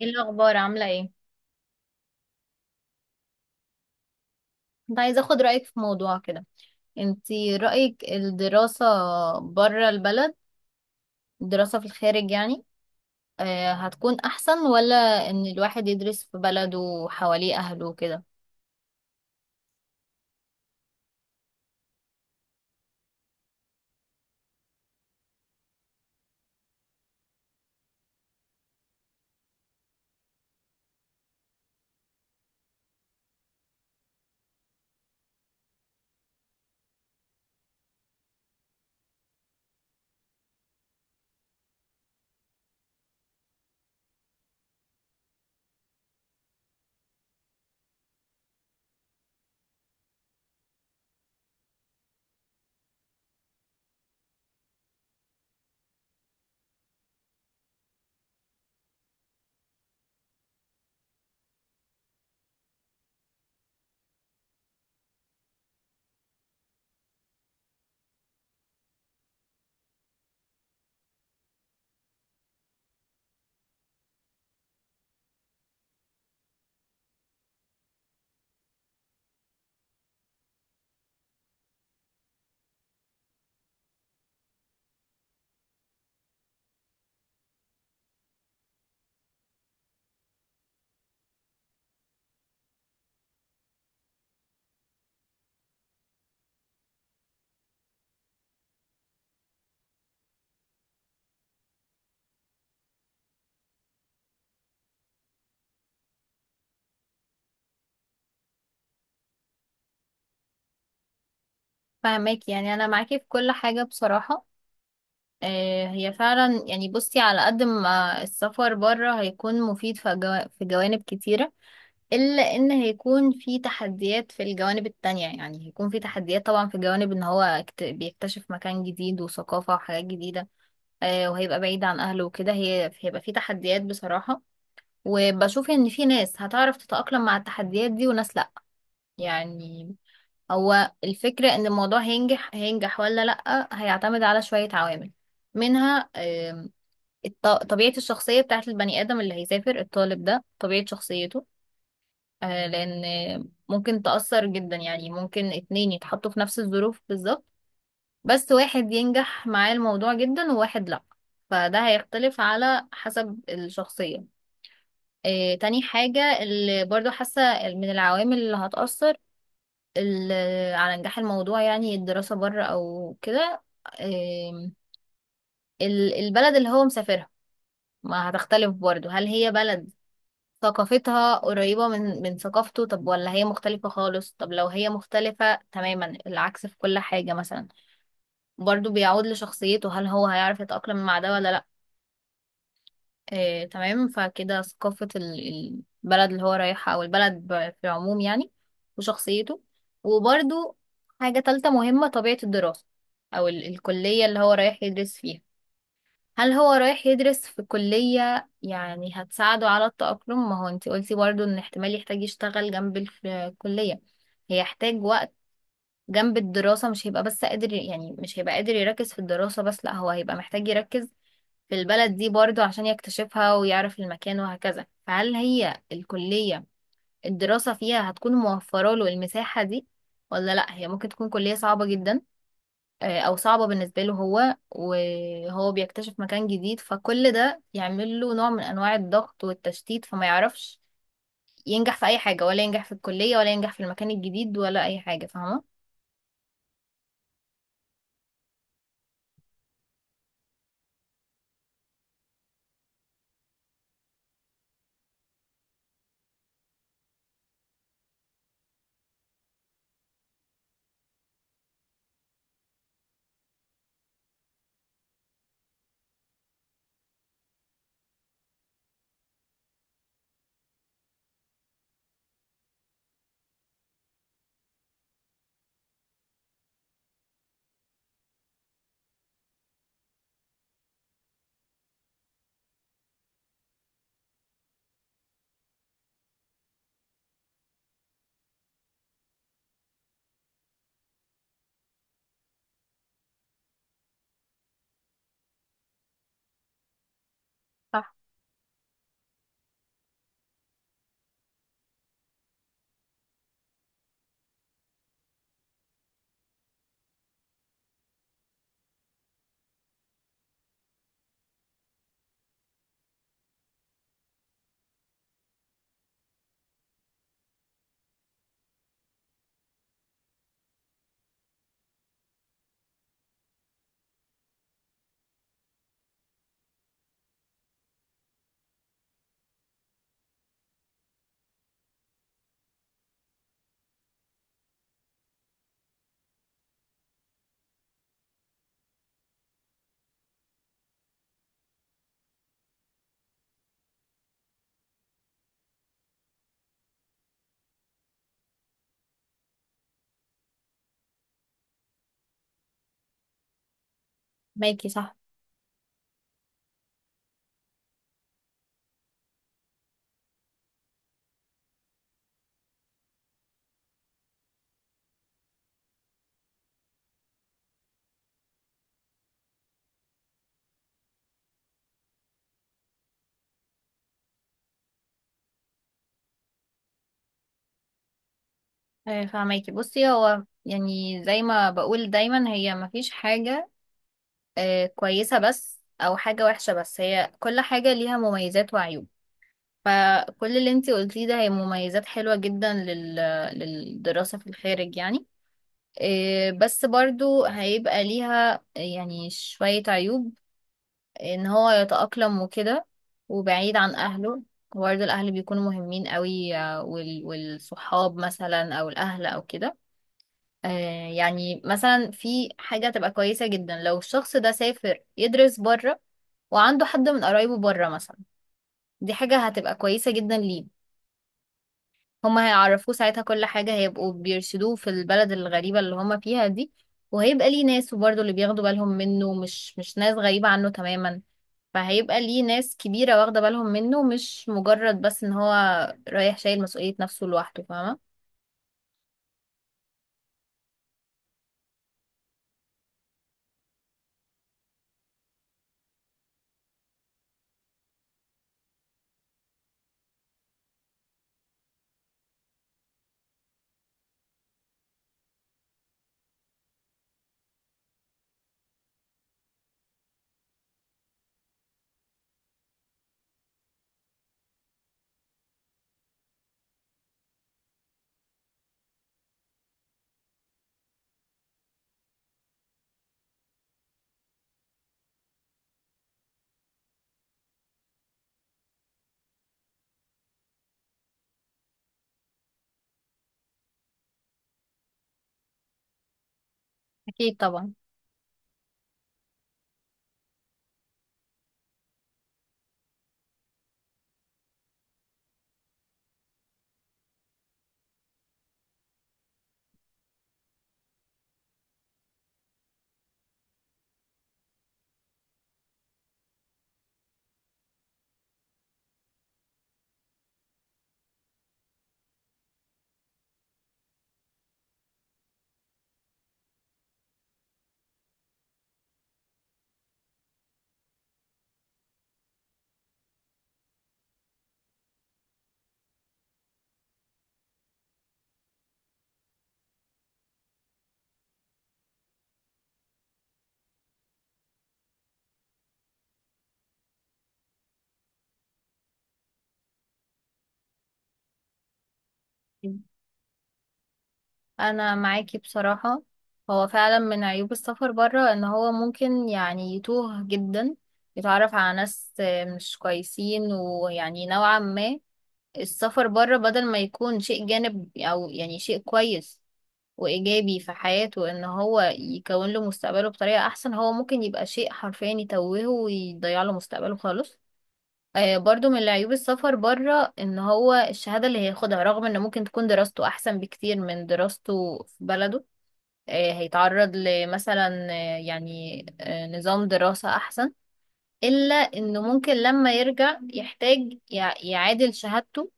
ايه الاخبار عامله ايه؟ كنت عايزه اخد رايك في موضوع كده. انتي رايك الدراسه بره البلد، الدراسه في الخارج يعني، آه هتكون احسن ولا ان الواحد يدرس في بلده وحواليه اهله وكده؟ فاهمك، يعني انا معاكي في كل حاجه بصراحه. آه هي فعلا، يعني بصي على قد ما السفر بره هيكون مفيد في في جوانب كتيره، إلا إن هيكون في تحديات في الجوانب التانية. يعني هيكون في تحديات طبعا في جوانب، إن هو بيكتشف مكان جديد وثقافة وحاجات جديدة، وهيبقى بعيد عن أهله وكده. هي هيبقى في تحديات بصراحة، وبشوف إن في ناس هتعرف تتأقلم مع التحديات دي وناس لأ، يعني. هو الفكرة إن الموضوع هينجح هينجح ولا لأ هيعتمد على شوية عوامل، منها طبيعة الشخصية بتاعت البني آدم اللي هيسافر، الطالب ده طبيعة شخصيته. آه، لان ممكن تأثر جدا. يعني ممكن اتنين يتحطوا في نفس الظروف بالظبط، بس واحد ينجح معاه الموضوع جدا وواحد لا، فده هيختلف على حسب الشخصية. آه، تاني حاجة اللي برضو حاسة من العوامل اللي هتأثر على نجاح الموضوع، يعني الدراسة بره أو كده، آم، البلد اللي هو مسافرها، ما هتختلف برضو. هل هي بلد ثقافتها قريبة من ثقافته، طب ولا هي مختلفة خالص؟ طب لو هي مختلفة تماما العكس في كل حاجة مثلا، برضو بيعود لشخصيته، هل هو هيعرف يتأقلم مع ده ولا لأ. آه، تمام، فكده ثقافة البلد اللي هو رايحها، أو البلد في العموم يعني، وشخصيته. وبرضو حاجة تالتة مهمة، طبيعة الدراسة أو الكلية اللي هو رايح يدرس فيها. هل هو رايح يدرس في كلية يعني هتساعده على التأقلم؟ ما هو انتي قلتي برضو ان احتمال يحتاج يشتغل جنب الكلية، هيحتاج وقت جنب الدراسة. مش هيبقى بس قادر، يعني مش هيبقى قادر يركز في الدراسة بس، لا هو هيبقى محتاج يركز في البلد دي برضو عشان يكتشفها ويعرف المكان وهكذا. فهل هي الكلية الدراسة فيها هتكون موفرة له المساحة دي ولا لا؟ هي ممكن تكون كلية صعبة جدا، آه، او صعبة بالنسبة له هو، وهو بيكتشف مكان جديد، فكل ده يعمل له نوع من انواع الضغط والتشتيت، فما يعرفش ينجح في اي حاجة. ولا ينجح في الكلية، ولا ينجح في المكان الجديد، ولا اي حاجة، فاهمة؟ صح. مايكي، صح. آه، فاهماكي. بصي، هو يعني زي ما بقول دايما، هي مفيش حاجة آه، كويسة بس أو حاجة وحشة بس، هي كل حاجة ليها مميزات وعيوب. فكل اللي انتي قلتيه ده هي مميزات حلوة جدا للدراسة في الخارج يعني. إيه، بس برضو هيبقى ليها يعني شوية عيوب، ان هو يتأقلم وكده، وبعيد عن اهله. برضو الاهل بيكونوا مهمين قوي، آه، والصحاب مثلا او الاهل او كده. آه، يعني مثلا في حاجة تبقى كويسة جدا لو الشخص ده سافر يدرس بره وعنده حد من قرايبه بره مثلا، دي حاجة هتبقى كويسة جدا ليه. هما هيعرفوه ساعتها كل حاجة، هيبقوا بيرشدوه في البلد الغريبة اللي هما فيها دي، وهيبقى ليه ناس، وبرضه اللي بياخدوا بالهم منه مش ناس غريبة عنه تماما. فهيبقى ليه ناس كبيرة واخدة بالهم منه، مش مجرد بس ان هو رايح شايل مسؤولية نفسه لوحده، فاهمة؟ أكيد طبعا. أنا معاكي بصراحة. هو فعلا من عيوب السفر برا ان هو ممكن يعني يتوه جدا، يتعرف على ناس مش كويسين، ويعني نوعا ما السفر بره بدل ما يكون شيء جانب او يعني شيء كويس وايجابي في حياته، ان هو يكون له مستقبله بطريقة احسن، هو ممكن يبقى شيء حرفيا يتوهه ويضيع له مستقبله خالص. آه برضو من عيوب السفر بره ان هو الشهادة اللي هياخدها، رغم ان ممكن تكون دراسته احسن بكتير من دراسته في بلده، آه هيتعرض لمثلا يعني نظام دراسة احسن، الا انه ممكن لما يرجع يحتاج يعادل شهادته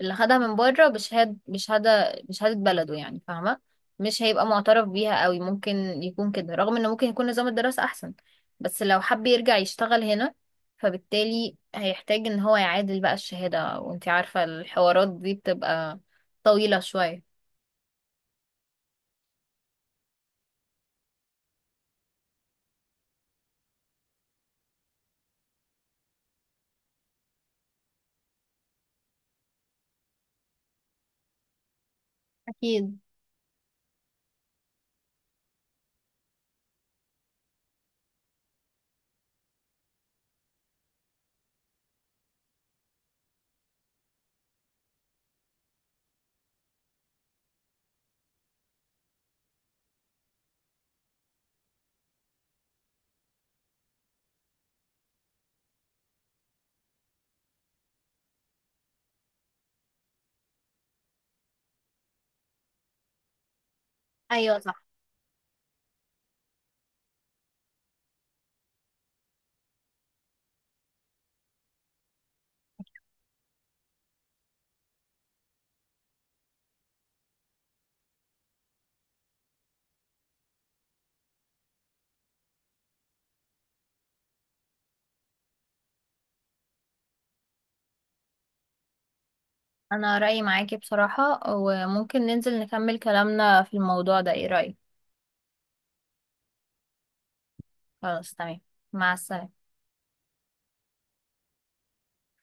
اللي خدها من بره بشهادة بشهادة بلده، يعني فاهمة. مش هيبقى معترف بيها قوي، ممكن يكون كده، رغم ان ممكن يكون نظام الدراسة احسن، بس لو حب يرجع يشتغل هنا، فبالتالي هيحتاج ان هو يعادل بقى الشهادة، وانتي عارفة الحوارات دي بتبقى طويلة شوية. أكيد. أيوة، صح. أنا رأيي معاكي بصراحة، وممكن ننزل نكمل كلامنا في الموضوع ده، إيه رأيك؟ خلاص تمام. مع السلامة.